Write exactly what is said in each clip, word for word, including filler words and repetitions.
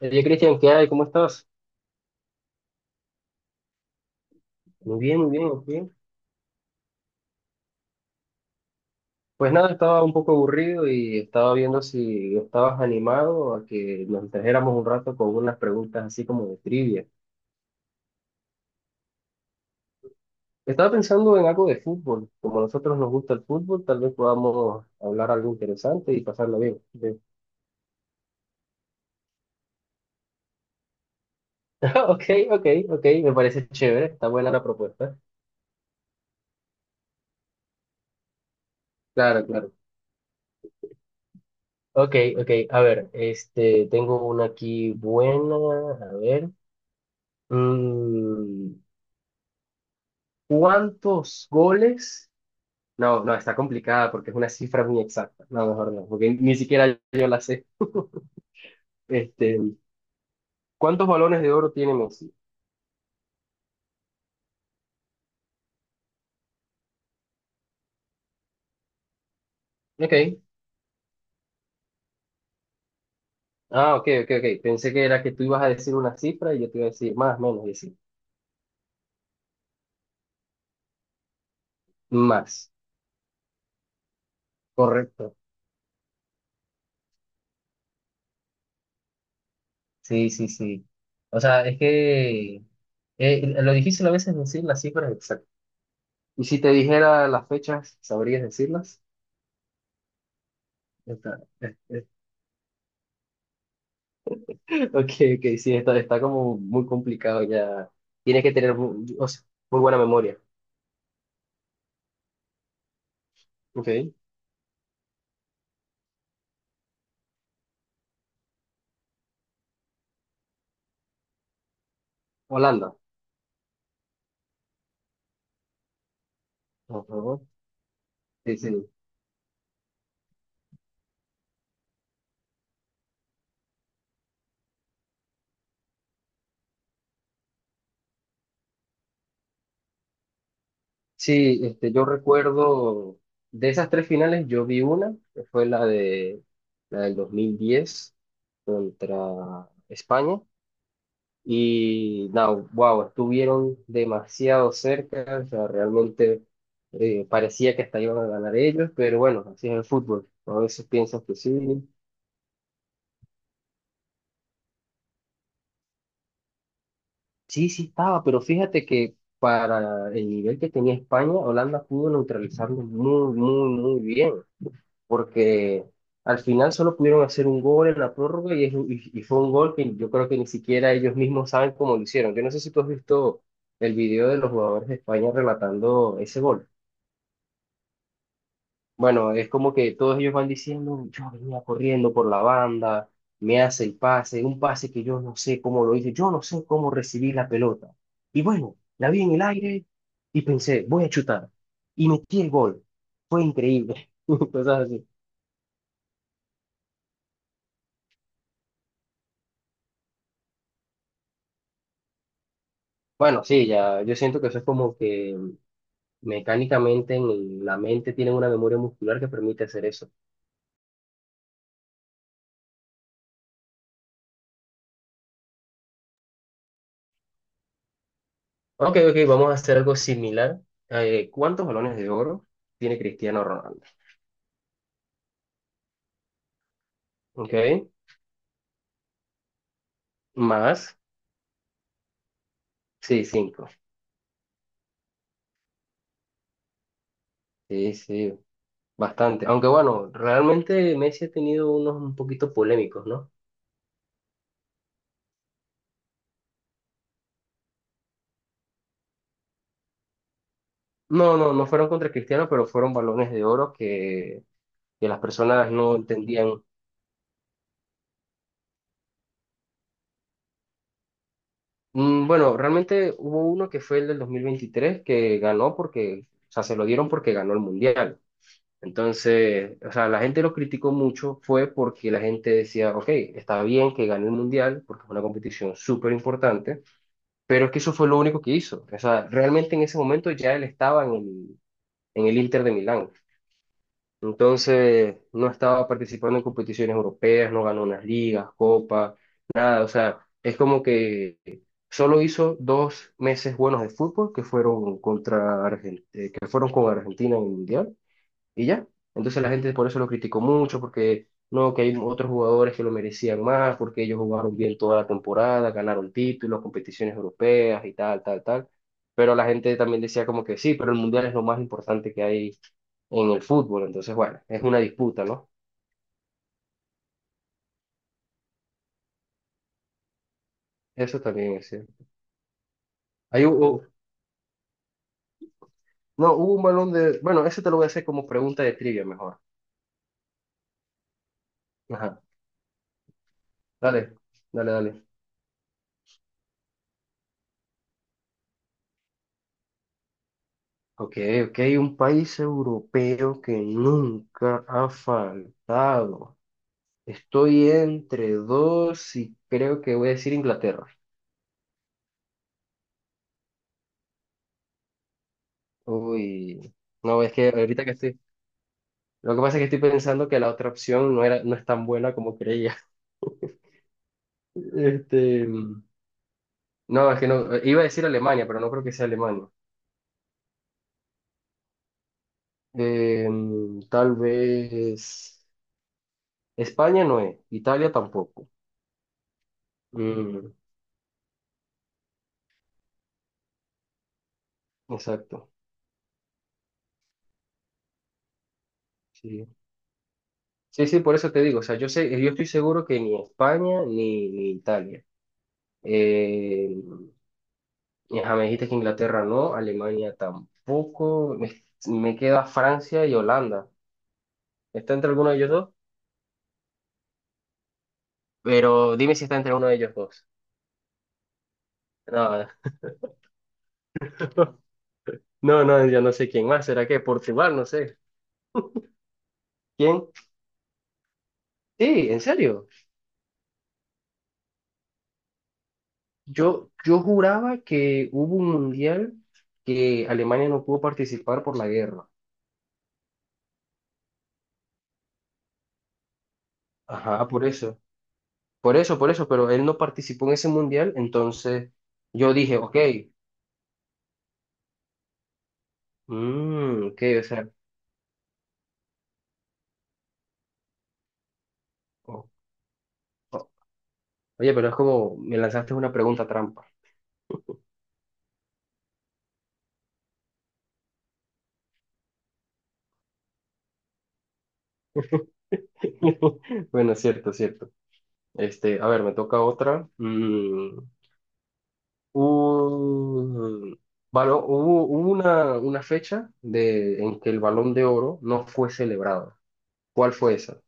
Oye, Cristian, ¿qué hay? ¿Cómo estás? Muy bien, muy bien, muy bien. Pues nada, estaba un poco aburrido y estaba viendo si estabas animado a que nos distrajéramos un rato con unas preguntas así como de trivia. Estaba pensando en algo de fútbol. Como a nosotros nos gusta el fútbol, tal vez podamos hablar algo interesante y pasarlo bien. Sí. Ok, ok, ok, me parece chévere, está buena la propuesta. Claro, claro. Ok, ok, a ver, este, tengo una aquí buena, a ver. Mm, ¿Cuántos goles? No, no, está complicada porque es una cifra muy exacta. No, mejor no, porque ni siquiera yo la sé. Este, ¿cuántos balones de oro tiene Messi? Ok. Ah, ok, ok, ok. Pensé que era que tú ibas a decir una cifra y yo te iba a decir más, menos, y decir más. Correcto. Sí, sí, sí. O sea, es que eh, lo difícil a veces es decir las cifras exactas. Y si te dijera las fechas, ¿sabrías decirlas? Está- Ok, ok, sí, está, está como muy complicado ya. Tienes que tener mu- o sea, muy, buena memoria. Ok, Holanda. Ajá. Sí, sí. Sí, este, yo recuerdo de esas tres finales, yo vi una, que fue la de la del dos mil diez contra España. Y no, wow, estuvieron demasiado cerca, o sea, realmente eh, parecía que hasta iban a ganar ellos, pero bueno, así es el fútbol. A veces piensas que sí, sí, sí estaba, pero fíjate que para el nivel que tenía España, Holanda pudo neutralizarlo muy, muy, muy bien, porque al final solo pudieron hacer un gol en la prórroga y, es un- y- y fue un gol que yo creo que ni siquiera ellos mismos saben cómo lo hicieron. Yo no sé si tú has visto el video de los jugadores de España relatando ese gol. Bueno, es como que todos ellos van diciendo, yo venía corriendo por la banda, me hace el pase, un pase que yo no sé cómo lo hice, yo no sé cómo recibí la pelota. Y bueno, la vi en el aire y pensé, voy a chutar. Y metí el gol. Fue increíble. Cosas así. Bueno, sí, ya, yo siento que eso es como que mecánicamente en la mente tienen una memoria muscular que permite hacer eso. Ok, ok, vamos a hacer algo similar. Eh, ¿cuántos balones de oro tiene Cristiano Ronaldo? Ok, más. Sí, cinco. Sí, sí, bastante. Aunque bueno, realmente Messi ha tenido unos un poquito polémicos, ¿no? No, no, no fueron contra Cristiano, pero fueron balones de oro que, que las personas no entendían. Mm, Bueno, realmente hubo uno que fue el del dos mil veintitrés que ganó porque, o sea, se lo dieron porque ganó el Mundial. Entonces, o sea, la gente lo criticó mucho fue porque la gente decía, ok, está bien que gane el Mundial porque es una competición súper importante. Pero es que eso fue lo único que hizo. O sea, realmente en ese momento ya él estaba en el, en el Inter de Milán. Entonces, no estaba participando en competiciones europeas, no ganó unas ligas, copas, nada. O sea, es como que solo hizo dos meses buenos de fútbol que fueron contra Argentina, que fueron con Argentina en el Mundial y ya. Entonces la gente por eso lo criticó mucho, porque no, que hay otros jugadores que lo merecían más, porque ellos jugaron bien toda la temporada, ganaron títulos, competiciones europeas y tal, tal, tal. Pero la gente también decía como que sí, pero el mundial es lo más importante que hay en el fútbol. Entonces, bueno, es una disputa, ¿no? Eso también es cierto. Ahí hubo, no, hubo un balón de, bueno, eso te lo voy a hacer como pregunta de trivia mejor. Ajá. Dale, dale, dale. Ok, ok, un país europeo que nunca ha faltado. Estoy entre dos y creo que voy a decir Inglaterra. Uy, no, es que ahorita que estoy, lo que pasa es que estoy pensando que la otra opción no era, no es tan buena como creía. Este, mm, no, es que no, eh, iba a decir Alemania, pero no creo que sea Alemania. Eh, mm, tal vez España no es, Italia tampoco. Mm, exacto, sí. Sí, sí, por eso te digo, o sea, yo sé, yo estoy seguro que ni España ni, ni Italia. Eh, Y, ajá, me dijiste que Inglaterra no, Alemania tampoco. Me, me queda Francia y Holanda. ¿Está entre alguno de ellos dos? Pero dime si está entre uno de ellos dos. No, no, no, yo no sé quién más. ¿Será que Portugal? No sé. ¿Quién? Sí, en serio. Yo, yo juraba que hubo un mundial que Alemania no pudo participar por la guerra. Ajá, por eso. Por eso, por eso, pero él no participó en ese mundial, entonces yo dije, ok, mm, ok, o sea, o- Oye, pero es como me lanzaste una pregunta trampa. Bueno, cierto, cierto. Este, a ver, me toca otra. Mm, un- balón- hubo hubo una, una fecha de, en que el Balón de Oro no fue celebrado. ¿Cuál fue esa?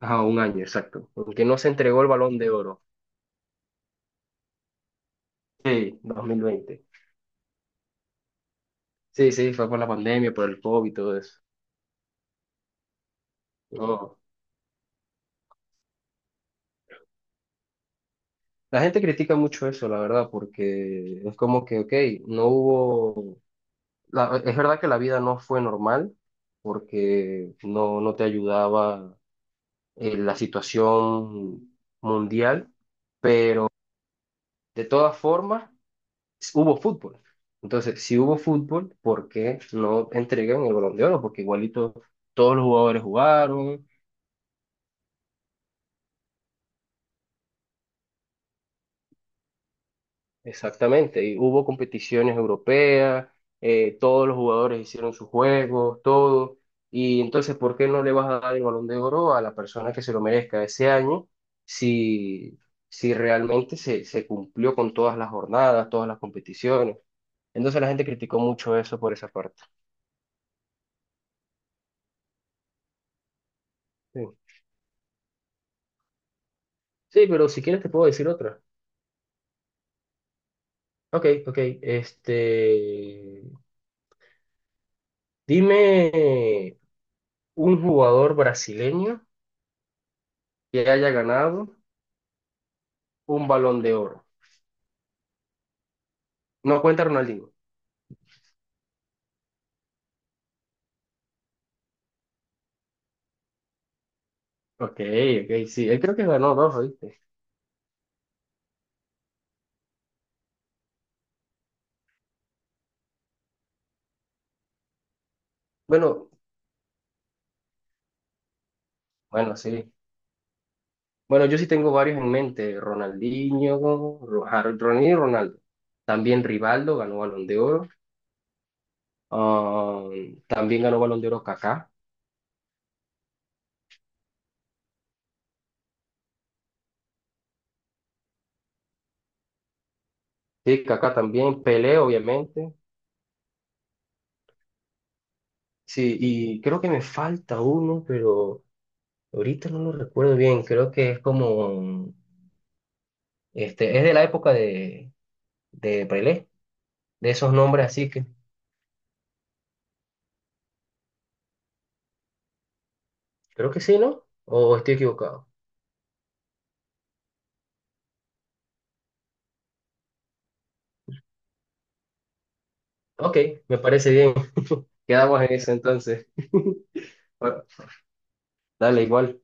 Ah, un año, exacto. Porque no se entregó el Balón de Oro. Sí, dos mil veinte. Sí, sí, fue por la pandemia, por el COVID y todo eso. No. La gente critica mucho eso, la verdad, porque es como que, ok, no hubo la- es verdad que la vida no fue normal porque no, no te ayudaba eh, la situación mundial. De todas formas, hubo fútbol. Entonces, si hubo fútbol, ¿por qué no entregan el Balón de Oro? Porque igualito todos los jugadores jugaron, exactamente, y hubo competiciones europeas, eh, todos los jugadores hicieron sus juegos, todo, y entonces, ¿por qué no le vas a dar el Balón de Oro a la persona que se lo merezca ese año si, si realmente se, se cumplió con todas las jornadas, todas las competiciones? Entonces la gente criticó mucho eso por esa parte. Sí, sí, pero si quieres te puedo decir otra. Ok, ok, este, dime un jugador brasileño que haya ganado un Balón de Oro. No cuenta Ronaldinho. Ok, ok, sí. Él creo que ganó dos, ¿viste? Bueno, bueno, sí. Bueno, yo sí tengo varios en mente. Ronaldinho, Ro- Har- Ronaldinho y Ronaldo. También Rivaldo ganó Balón de Oro. Ah, también ganó Balón de Oro Kaká. Sí, Kaká también. Pelé, obviamente. Sí, y creo que me falta uno, pero ahorita no lo recuerdo bien. Creo que es como, este, es de la época de, de Pelé, de esos nombres así que, creo que sí, ¿no? ¿O estoy equivocado? Ok, me parece bien. Quedamos en eso entonces. Bueno, dale igual.